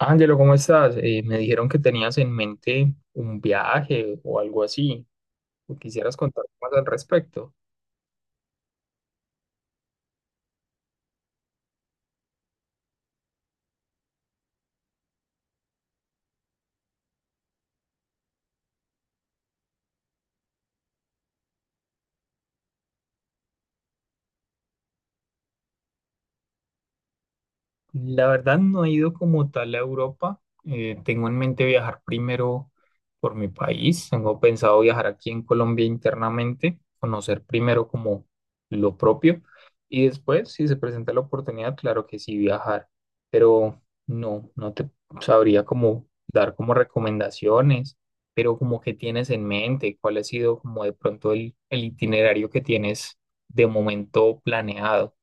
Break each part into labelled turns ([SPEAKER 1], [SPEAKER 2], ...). [SPEAKER 1] Ángelo, ¿cómo estás? Me dijeron que tenías en mente un viaje o algo así. ¿Quisieras contar más al respecto? La verdad no he ido como tal a Europa. Tengo en mente viajar primero por mi país. Tengo pensado viajar aquí en Colombia internamente, conocer primero como lo propio y después, si se presenta la oportunidad, claro que sí viajar. Pero no te sabría como dar como recomendaciones, pero como que tienes en mente, ¿cuál ha sido como de pronto el itinerario que tienes de momento planeado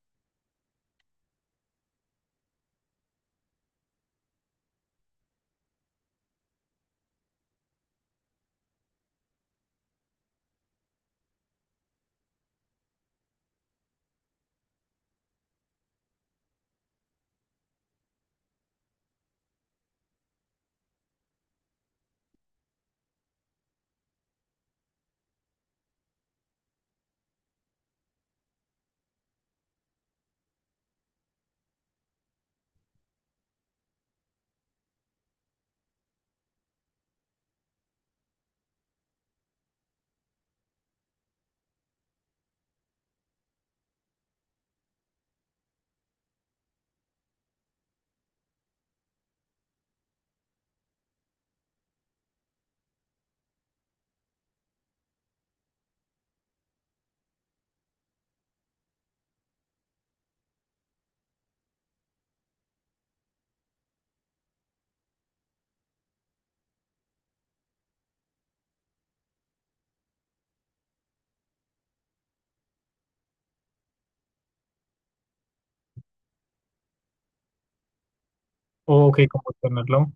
[SPEAKER 1] o que como tenerlo?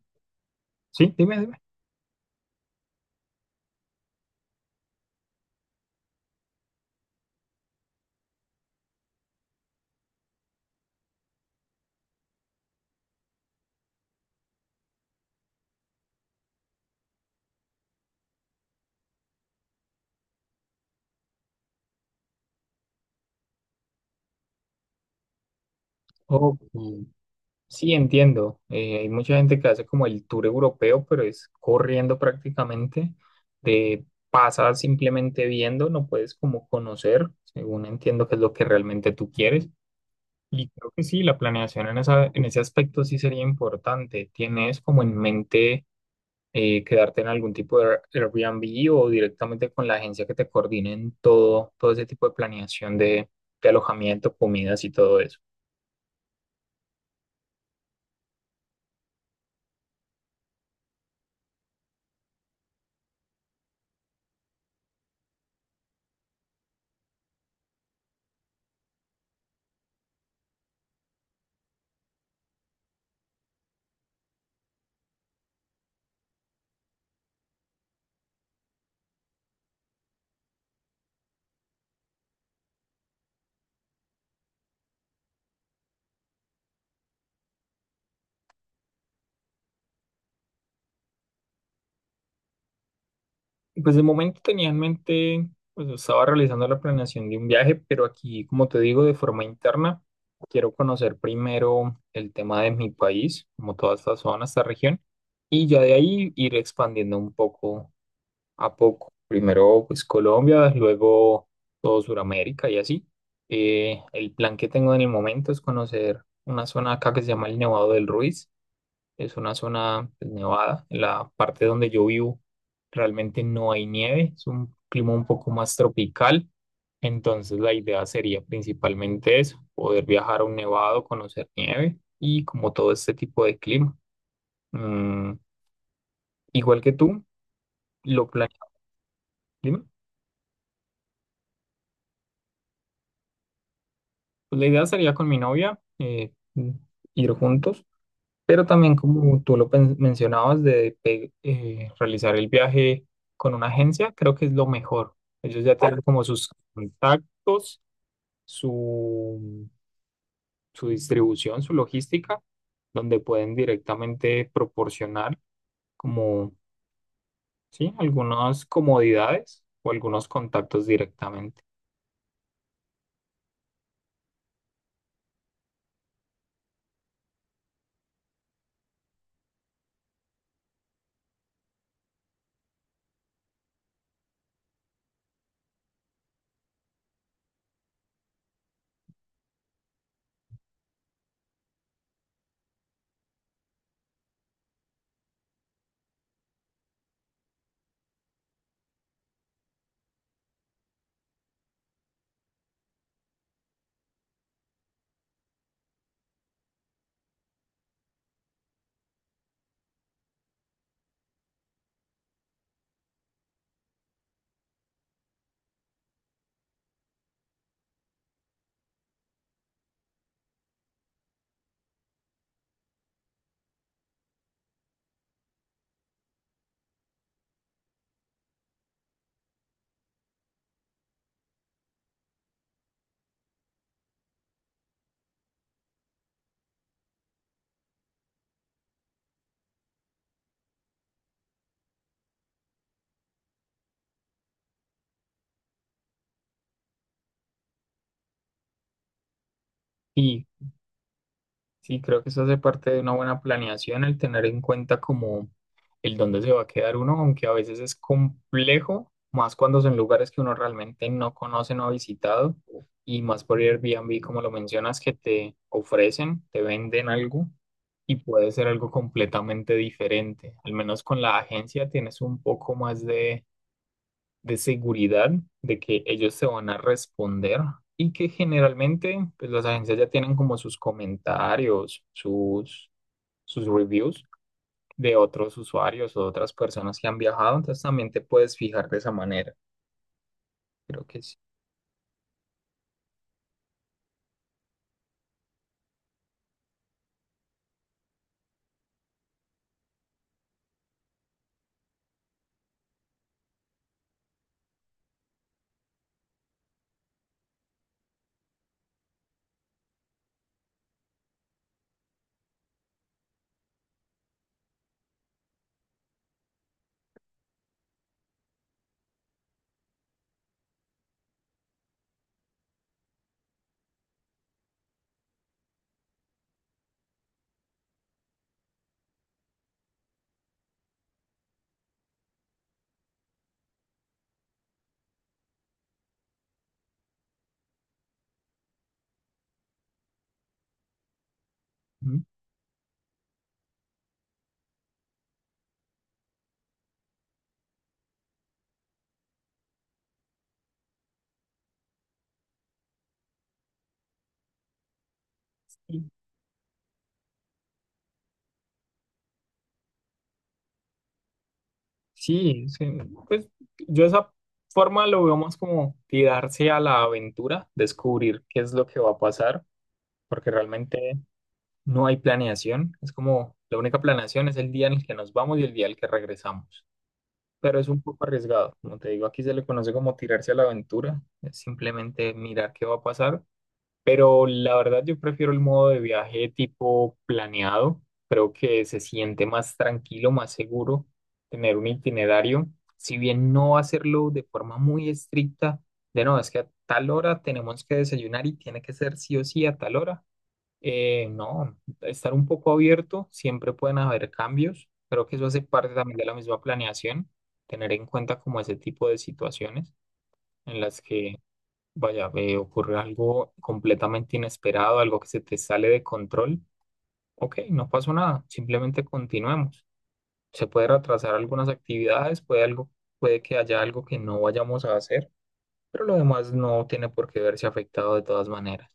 [SPEAKER 1] Sí, dime, dime. Ok. Sí, entiendo. Hay mucha gente que hace como el tour europeo, pero es corriendo prácticamente. De pasa simplemente viendo, no puedes como conocer, según entiendo que es lo que realmente tú quieres. Y creo que sí, la planeación en ese aspecto sí sería importante. ¿Tienes como en mente quedarte en algún tipo de Airbnb o directamente con la agencia que te coordine en todo, todo ese tipo de planeación de alojamiento, comidas y todo eso? Pues de momento tenía en mente, pues estaba realizando la planeación de un viaje, pero aquí, como te digo, de forma interna, quiero conocer primero el tema de mi país, como toda esta zona, esta región, y ya de ahí ir expandiendo un poco a poco. Primero, pues Colombia, luego todo Sudamérica y así. El plan que tengo en el momento es conocer una zona acá que se llama el Nevado del Ruiz. Es una zona pues, nevada. En la parte donde yo vivo realmente no hay nieve, es un clima un poco más tropical. Entonces la idea sería principalmente eso, poder viajar a un nevado, conocer nieve y como todo este tipo de clima. Mm, igual que tú, lo planeamos. Dime. Pues la idea sería con mi novia ir juntos. Pero también como tú lo mencionabas de realizar el viaje con una agencia, creo que es lo mejor. Ellos ya tienen como sus contactos, su, su distribución, su logística, donde pueden directamente proporcionar como, sí, algunas comodidades o algunos contactos directamente. Y sí, creo que eso hace parte de una buena planeación, el tener en cuenta como el dónde se va a quedar uno, aunque a veces es complejo, más cuando son lugares que uno realmente no conoce, no ha visitado, y más por Airbnb, como lo mencionas, que te ofrecen, te venden algo y puede ser algo completamente diferente. Al menos con la agencia tienes un poco más de seguridad de que ellos se van a responder y que generalmente pues las agencias ya tienen como sus comentarios, sus reviews de otros usuarios o otras personas que han viajado, entonces también te puedes fijar de esa manera, creo que sí. Ujú. Sí, sí, pues yo esa forma lo veo más como tirarse a la aventura, descubrir qué es lo que va a pasar, porque realmente no hay planeación, es como la única planeación es el día en el que nos vamos y el día en el que regresamos, pero es un poco arriesgado, como te digo, aquí se le conoce como tirarse a la aventura, es simplemente mirar qué va a pasar, pero la verdad yo prefiero el modo de viaje tipo planeado, creo que se siente más tranquilo, más seguro tener un itinerario, si bien no hacerlo de forma muy estricta, de no, es que a tal hora tenemos que desayunar y tiene que ser sí o sí a tal hora, no, estar un poco abierto, siempre pueden haber cambios. Creo que eso hace parte también de la misma planeación, tener en cuenta como ese tipo de situaciones en las vaya, ocurre algo completamente inesperado, algo que se te sale de control. Ok, no pasó nada, simplemente continuemos. Se puede retrasar algunas actividades, puede algo, puede que haya algo que no vayamos a hacer, pero lo demás no tiene por qué verse afectado de todas maneras.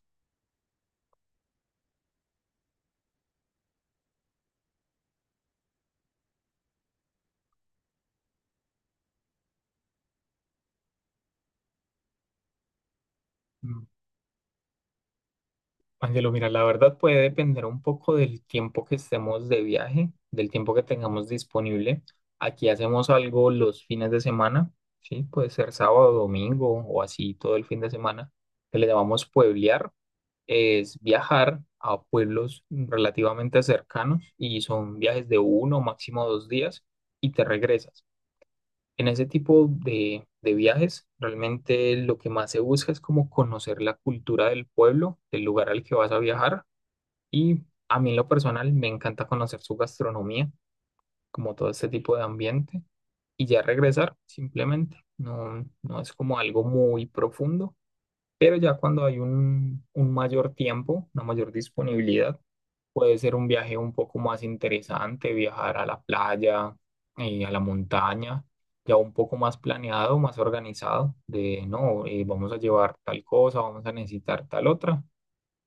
[SPEAKER 1] Angelo, mira, la verdad puede depender un poco del tiempo que estemos de viaje, del tiempo que tengamos disponible. Aquí hacemos algo los fines de semana, ¿sí? Puede ser sábado, domingo o así todo el fin de semana, que le llamamos pueblear. Es viajar a pueblos relativamente cercanos y son viajes de uno, máximo dos días y te regresas. En ese tipo de viajes, realmente lo que más se busca es como conocer la cultura del pueblo, del lugar al que vas a viajar y a mí en lo personal me encanta conocer su gastronomía, como todo este tipo de ambiente, y ya regresar simplemente. No, no es como algo muy profundo, pero ya cuando hay un mayor tiempo, una mayor disponibilidad, puede ser un viaje un poco más interesante, viajar a la playa, a la montaña, ya un poco más planeado, más organizado, de no, vamos a llevar tal cosa, vamos a necesitar tal otra.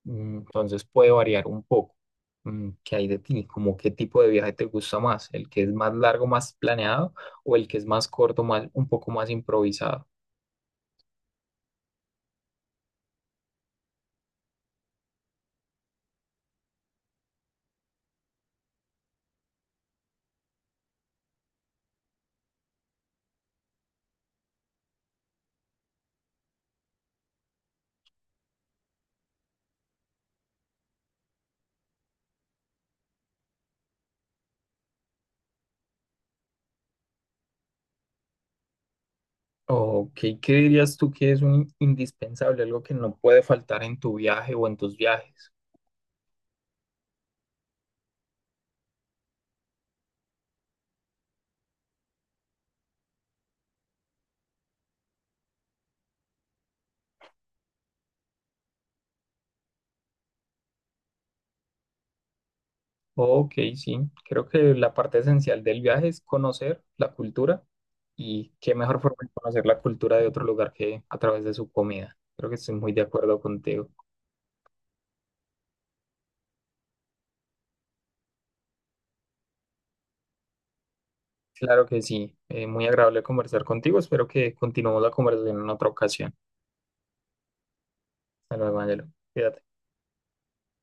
[SPEAKER 1] Mm, entonces puede variar un poco. Mm, ¿qué hay de ti? ¿Como qué tipo de viaje te gusta más? ¿El que es más largo, más planeado o el que es más corto, más, un poco más improvisado? Ok, ¿qué dirías tú que es un indispensable, algo que no puede faltar en tu viaje o en tus viajes? Ok, sí, creo que la parte esencial del viaje es conocer la cultura y qué mejor forma de conocer la cultura de otro lugar que a través de su comida. Creo que estoy muy de acuerdo contigo. Claro que sí. Muy agradable conversar contigo. Espero que continuemos la conversación en otra ocasión. Hasta luego, Ángelo. Cuídate.